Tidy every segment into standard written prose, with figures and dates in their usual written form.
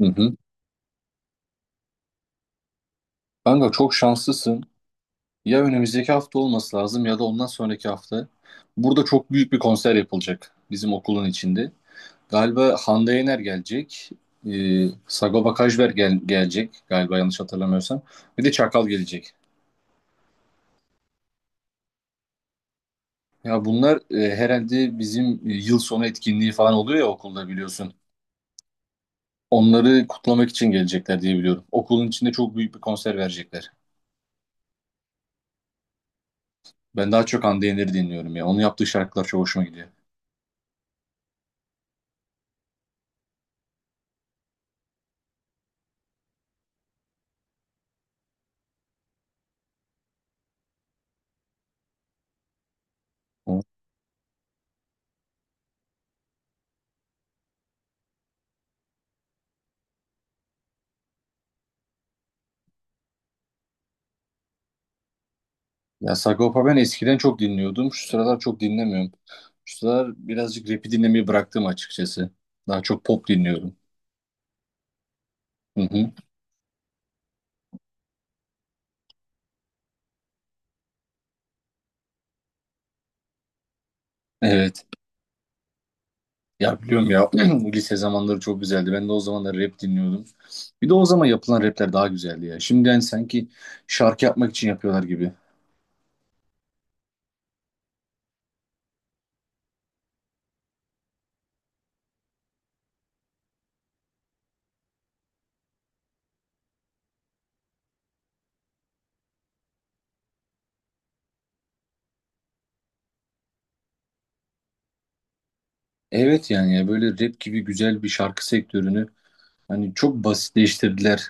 Hı hı. Kanka çok şanslısın. Ya önümüzdeki hafta olması lazım ya da ondan sonraki hafta. Burada çok büyük bir konser yapılacak bizim okulun içinde. Galiba Hande Yener gelecek. Sagopa Kajmer gelecek galiba yanlış hatırlamıyorsam. Bir de Çakal gelecek. Ya bunlar herhalde bizim yıl sonu etkinliği falan oluyor ya okulda biliyorsun. Onları kutlamak için gelecekler diye biliyorum. Okulun içinde çok büyük bir konser verecekler. Ben daha çok Hande Yener'i dinliyorum ya. Onun yaptığı şarkılar çok hoşuma gidiyor. Ya Sagopa ben eskiden çok dinliyordum. Şu sıralar çok dinlemiyorum. Şu sıralar birazcık rap'i dinlemeyi bıraktım açıkçası. Daha çok pop dinliyorum. Hı hı. Evet. Ya biliyorum ya lise zamanları çok güzeldi. Ben de o zamanlar rap dinliyordum. Bir de o zaman yapılan rapler daha güzeldi ya. Şimdi yani sanki şarkı yapmak için yapıyorlar gibi. Evet yani ya böyle rap gibi güzel bir şarkı sektörünü hani çok basitleştirdiler.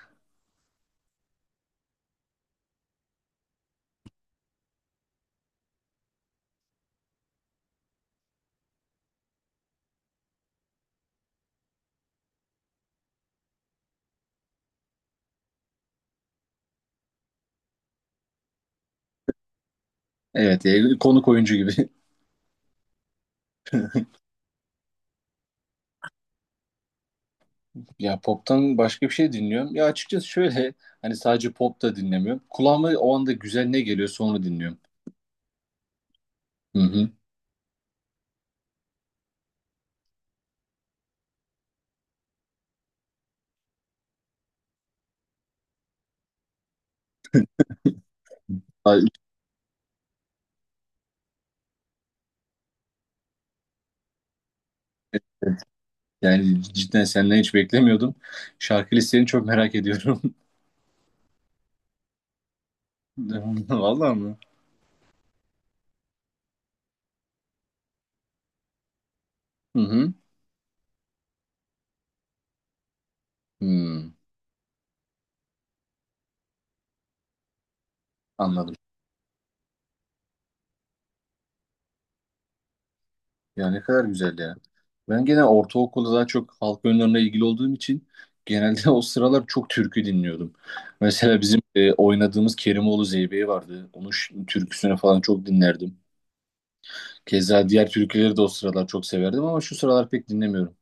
Evet ya, konuk oyuncu gibi. Ya pop'tan başka bir şey dinliyorum. Ya açıkçası şöyle hani sadece pop da dinlemiyorum. Kulağıma o anda güzel ne geliyorsa onu dinliyorum. Hı hı. Ay. Yani cidden senden hiç beklemiyordum. Şarkı listeni çok merak ediyorum. Vallahi mı? Hı hı. Hmm, anladım. Ya ne kadar güzel ya. Ben gene ortaokulda daha çok halk oyunlarına ilgili olduğum için genelde o sıralar çok türkü dinliyordum. Mesela bizim oynadığımız Kerimoğlu Zeybe'yi vardı. Onun türküsünü falan çok dinlerdim. Keza diğer türküleri de o sıralar çok severdim ama şu sıralar pek dinlemiyorum.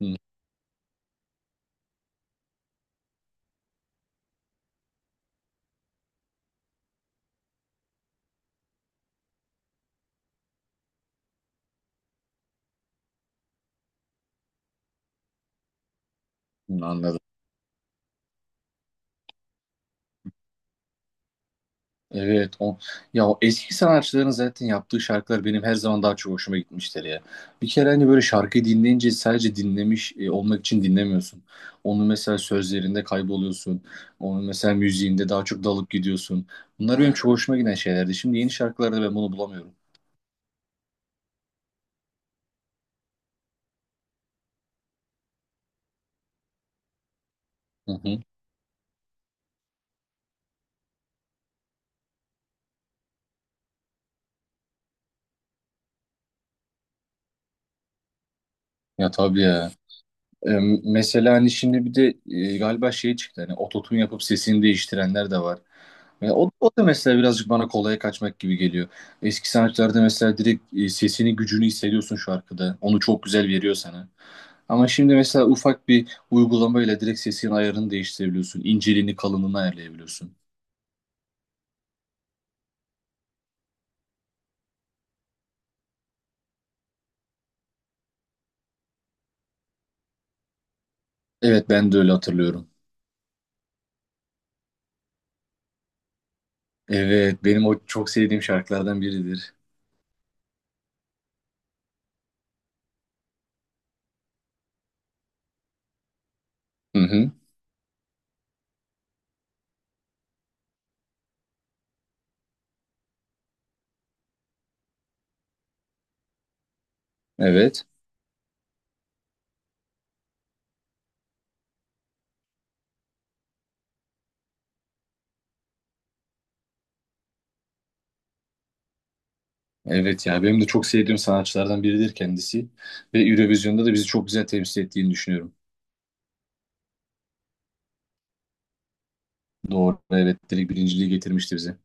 Hı, hı, anladım. Evet o, ya o eski sanatçıların zaten yaptığı şarkılar benim her zaman daha çok hoşuma gitmiştir ya. Bir kere hani böyle şarkıyı dinleyince sadece dinlemiş olmak için dinlemiyorsun. Onu mesela sözlerinde kayboluyorsun. Onu mesela müziğinde daha çok dalıp gidiyorsun. Bunlar benim çok hoşuma giden şeylerdi. Şimdi yeni şarkılarda ben bunu bulamıyorum. Hı hı. Ya tabii ya. E, mesela hani şimdi bir de galiba şey çıktı hani ototun yapıp sesini değiştirenler de var. O da mesela birazcık bana kolaya kaçmak gibi geliyor. Eski sanatçılarda mesela direkt sesini gücünü hissediyorsun şarkıda. Onu çok güzel veriyor sana. Ama şimdi mesela ufak bir uygulamayla direkt sesin ayarını değiştirebiliyorsun. İnceliğini, kalınlığını ayarlayabiliyorsun. Evet ben de öyle hatırlıyorum. Evet benim o çok sevdiğim şarkılardan biridir. Hı hı. Evet. Evet ya benim de çok sevdiğim sanatçılardan biridir kendisi ve Eurovision'da da bizi çok güzel temsil ettiğini düşünüyorum. Doğru, evet, direkt birinciliği getirmişti bize.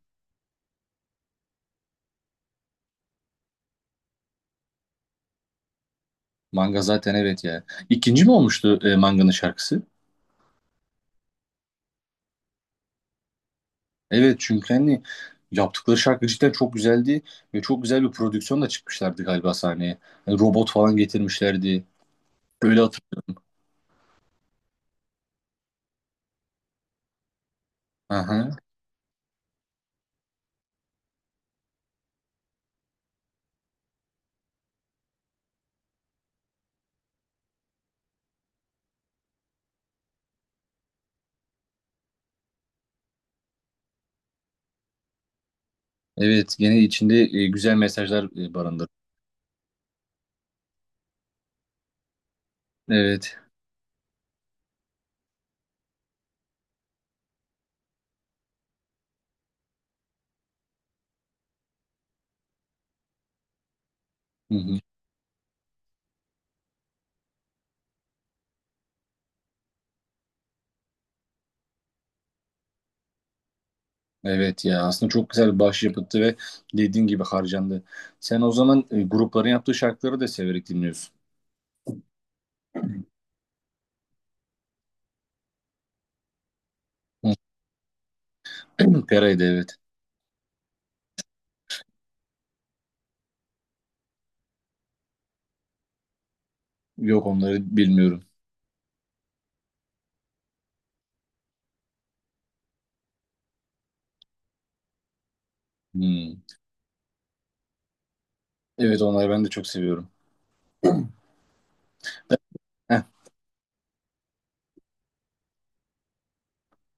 Manga zaten evet ya. İkinci mi olmuştu Manga'nın şarkısı? Evet çünkü hani yaptıkları şarkı cidden çok güzeldi ve çok güzel bir prodüksiyonla çıkmışlardı galiba sahneye. Hani robot falan getirmişlerdi. Böyle hatırlıyorum. Aha. Evet gene içinde güzel mesajlar barındırıyor. Evet. Hı hı. Evet ya aslında çok güzel bir başyapıttı ve dediğin gibi harcandı. Sen o zaman grupların yaptığı şarkıları da severek dinliyorsun. Hı. Pera'ydı evet. Yok onları bilmiyorum. Hmm. Evet onları ben de çok seviyorum. Heh,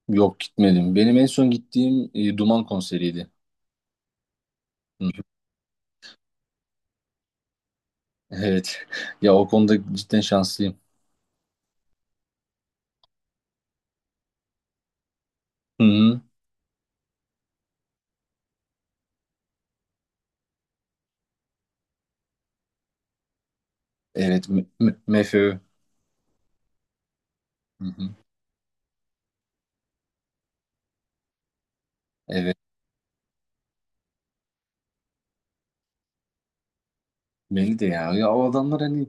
yok gitmedim. Benim en son gittiğim Duman konseriydi. Hı. Hı. Evet. Ya o konuda cidden şanslıyım. Hı hı. Evet. MFÖ. Hı hı. Evet. Beni de ya. Ya o adamlar hani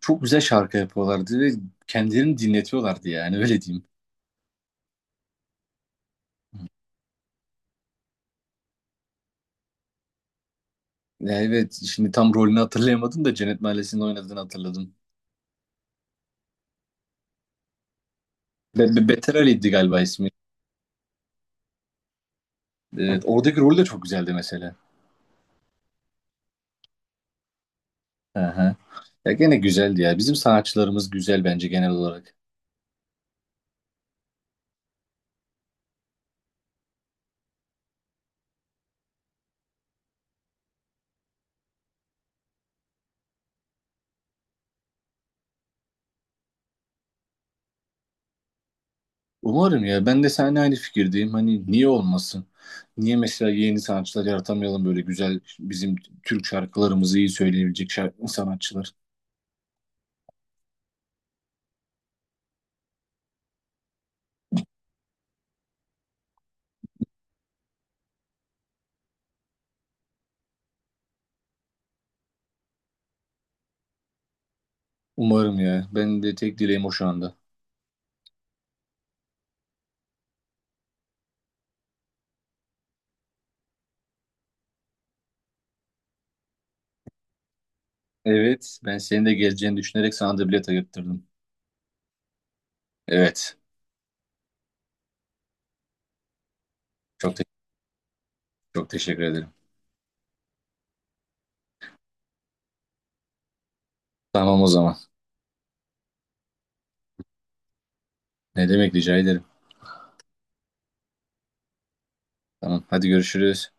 çok güzel şarkı yapıyorlardı ve kendilerini dinletiyorlardı yani öyle diyeyim. Ya evet şimdi tam rolünü hatırlayamadım da Cennet Mahallesi'nde oynadığını hatırladım. Beter Ali'ydi galiba ismi. Evet, oradaki rol de çok güzeldi mesela. Aha. Ya gene güzeldi ya. Bizim sanatçılarımız güzel bence genel olarak. Umarım ya. Ben de seninle aynı fikirdeyim. Hani niye olmasın? Niye mesela yeni sanatçılar yaratamayalım böyle güzel bizim Türk şarkılarımızı iyi söyleyebilecek şarkı sanatçılar. Umarım ya. Ben de tek dileğim o şu anda. Evet. Ben senin de geleceğini düşünerek sana da bilet ayırttırdım. Evet. Çok, çok teşekkür ederim. Tamam o zaman. Ne demek, rica ederim. Tamam hadi görüşürüz.